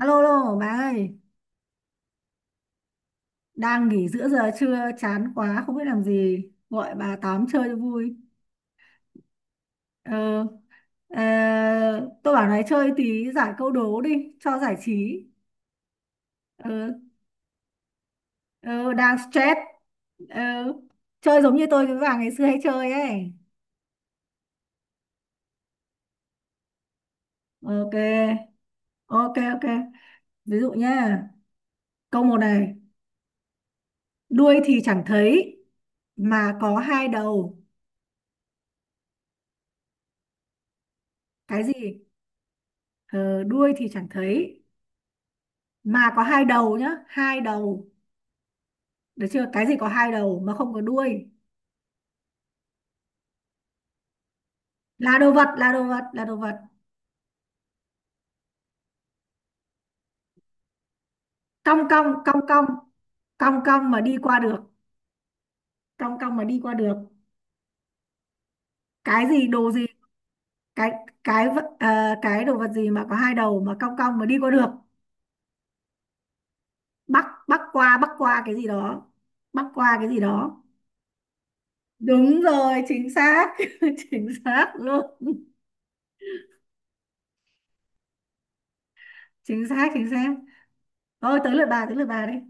Alo, alo, bà ơi, đang nghỉ giữa giờ trưa, chán quá, không biết làm gì, gọi bà tám chơi cho vui. Ờ, ờ, tôi bảo này chơi tí giải câu đố đi, cho giải trí. Ờ, ờ, đang stress. Ờ, chơi giống như tôi với bà ngày xưa hay chơi ấy. Ok, ok. Ví dụ nhá, câu một này, đuôi thì chẳng thấy, mà có hai đầu. Cái gì? Ờ, đuôi thì chẳng thấy, mà có hai đầu nhá, hai đầu, được chưa? Cái gì có hai đầu mà không có đuôi? Là đồ vật, là đồ vật. Cong cong, cong cong mà đi qua được. Cong cong mà đi qua được. Cái gì, đồ gì? cái cái cái đồ vật gì mà có hai đầu mà cong cong mà đi qua được? Bắc bắc qua bắc qua cái gì đó. Bắc qua cái gì đó. Đúng rồi, chính xác. Chính xác luôn. Chính xác, chính xác. Thôi, tới lượt bà, tới lượt bà đây.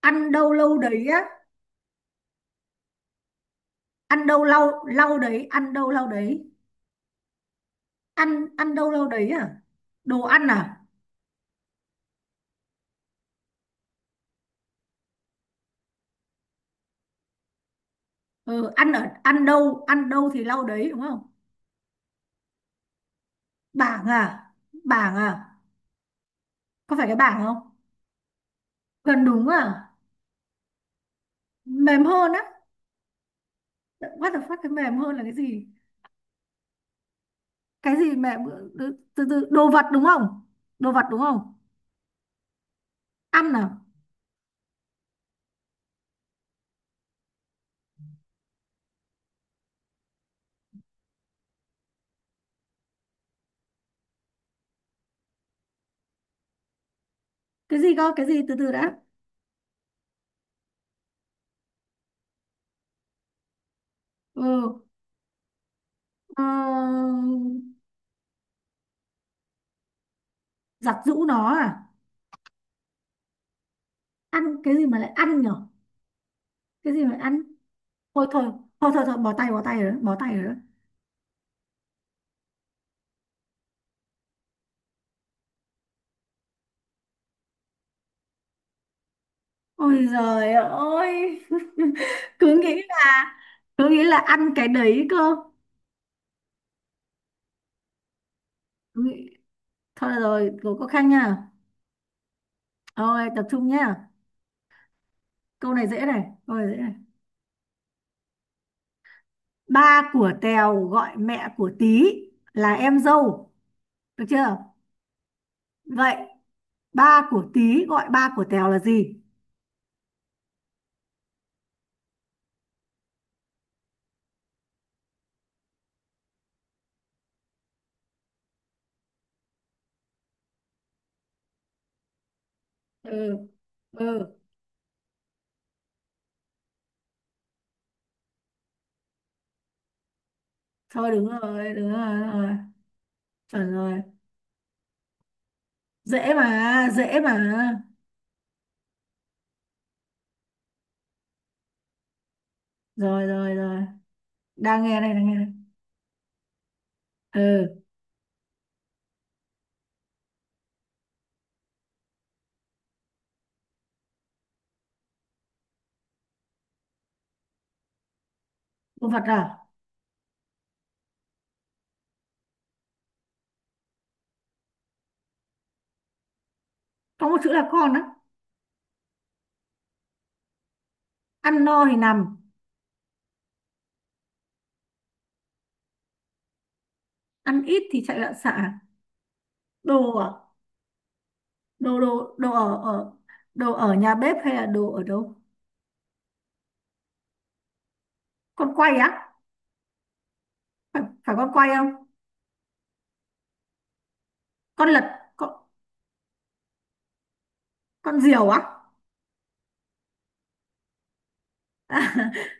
Ăn đâu lâu đấy á? Ăn đâu lau lau đấy ăn đâu lau đấy. Ăn ăn đâu lau đấy à? Đồ ăn à? Ừ, Ăn ăn đâu, ăn đâu thì lau đấy đúng không? Bảng à? Bảng à? Có phải cái bảng không? Gần đúng à? Mềm hơn á? What the fuck, cái mềm hơn là cái gì? Cái gì mềm? Ờ, từ từ từ- đồ vật đúng không? Đồ vật đúng không? Ăn à? Cái gì cơ, cái gì, từ từ đã. Ừ. Ờ, giặt giũ nó à? Ăn cái gì mà lại ăn nhở? Cái gì mà ăn? Thôi thôi thôi thôi thôi bỏ tay, bỏ tay rồi đó, bỏ tay rồi đó. Ôi giời ơi. Cứ nghĩ là, cứ nghĩ là ăn cái đấy cơ. Cứ nghĩ- thôi được rồi, cố có khăn nha. Ôi tập trung nha. Câu này dễ này, câu này dễ này. Ba của Tèo gọi mẹ của Tí là em dâu, được chưa? Vậy ba của Tí gọi ba của Tèo là gì? Ừ. Ừ. Thôi đúng rồi, đúng rồi, đúng rồi. Chuẩn rồi. Dễ mà, dễ mà. Rồi rồi rồi, đang nghe đây, đang nghe đây. Ừ. Con vật à? Có một chữ là con á? Ăn no thì nằm, ăn ít thì chạy loạn xạ. Đồ à? Đồ đồ đồ ở ở đồ ở nhà bếp hay là đồ ở đâu? Con quay á? Phải, phải con quay không? Con lật, con con diều á?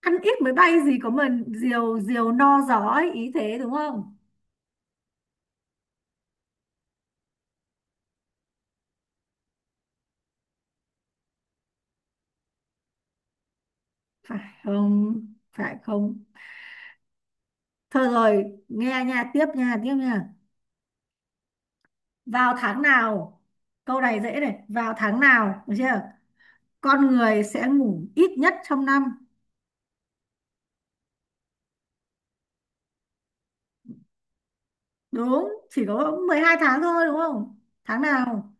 Ăn ít mới bay gì có mà diều diều no gió ấy, ý thế đúng không? Phải không? Phải không? Thôi rồi, nghe nha, tiếp nha, tiếp nha. Vào tháng nào? Câu này dễ này, vào tháng nào, được chưa? Con người sẽ ngủ ít nhất trong năm. Đúng, chỉ có 12 tháng thôi đúng không? Tháng nào?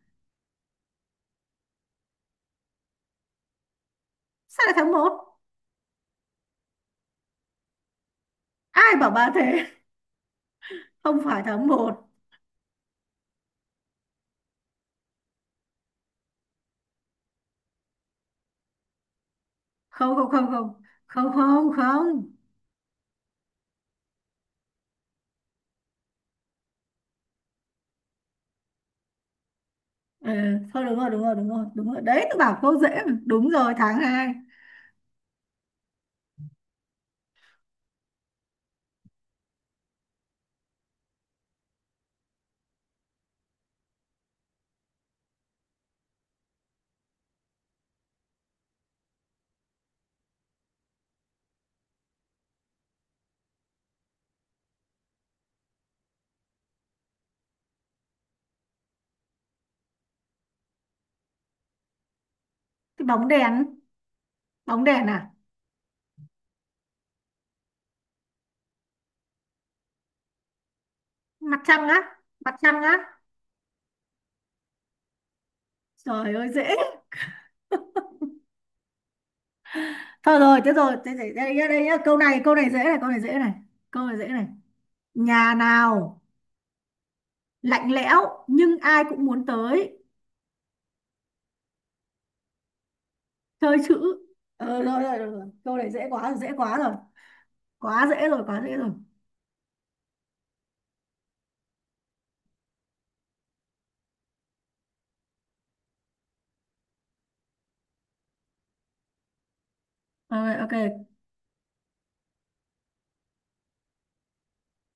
Sao lại tháng một? Ai bảo bà thế? Không phải tháng một. Không, không, không. Ừ, thôi đúng rồi, đúng rồi, đấy, tôi bảo cô dễ mà. Đúng rồi, tháng hai. Cái bóng đèn. Bóng đèn à? Mặt trăng á? Mặt trăng á? Trời ơi dễ. Thôi rồi, thế, đây đây, nhá, đây nhá. Câu này dễ này, câu này dễ này, câu này dễ này. Nhà nào lạnh lẽo nhưng ai cũng muốn tới? Chơi chữ. Ờ rồi rồi rồi rồi. Câu này dễ quá, dễ quá rồi. Quá dễ rồi, quá dễ rồi. Ờ, rồi, ok.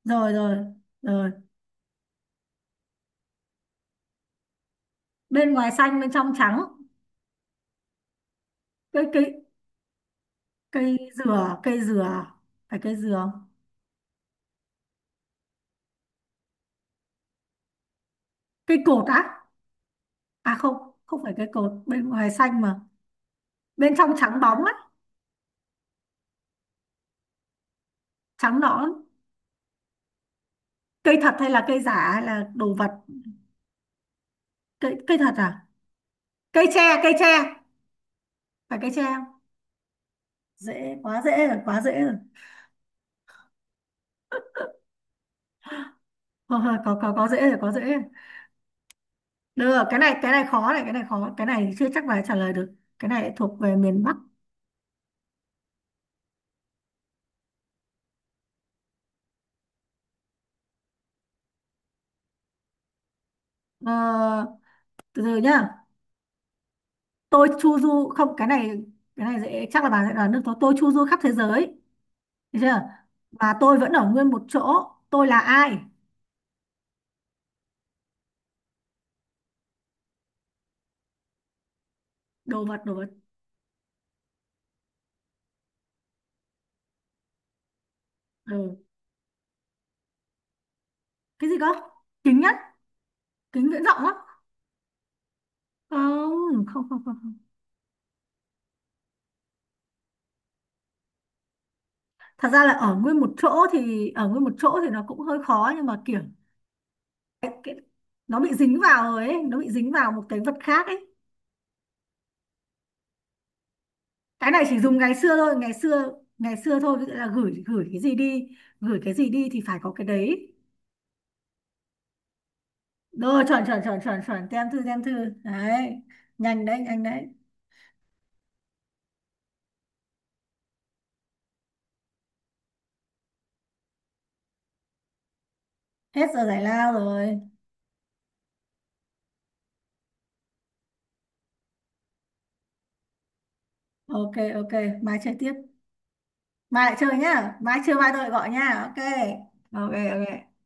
Rồi rồi rồi. Bên ngoài xanh, bên trong trắng. Cây cây cây dừa, cây dừa. Phải cây dừa không? Cây cột á? À không. Không phải cây cột, bên ngoài xanh mà bên trong trắng bóng á. Trắng nõn. Cây thật hay là cây giả hay là đồ vật? Cây Cây thật à? Cây tre, cây tre. Phải cây tre không? Dễ quá, dễ rồi, quá dễ rồi. Thôi thôi có dễ rồi, có dễ rồi. Được, cái này khó này, cái này khó, cái này chưa chắc là trả lời được. Cái này thuộc về miền Bắc. Ờ, từ từ nhá. Tôi chu du không, cái này dễ chắc là bà sẽ đoán được tôi. Tôi chu du khắp thế giới, được chưa? Và tôi vẫn ở nguyên một chỗ. Tôi là ai? Đồ vật, đồ vật. Ừ. Cái gì cơ? Kính nhất, kính viễn vọng á? Không. Thật ra là ở nguyên một chỗ, thì ở nguyên một chỗ thì nó cũng hơi khó nhưng mà kiểu nó bị dính vào rồi ấy, nó bị dính vào một cái vật khác ấy. Cái này chỉ dùng ngày xưa thôi, ngày xưa thôi, ví dụ là gửi gửi cái gì đi, gửi cái gì đi thì phải có cái đấy. Rồi, chuẩn chuẩn chuẩn chuẩn chuẩn, tem thư, tem thư. Đấy, nhanh đấy, nhanh đấy. Hết giờ giải lao rồi. Ok, ok, mai chơi tiếp. Mai lại chơi nhá, mai chưa mai tôi lại gọi nhá. Ok ok ok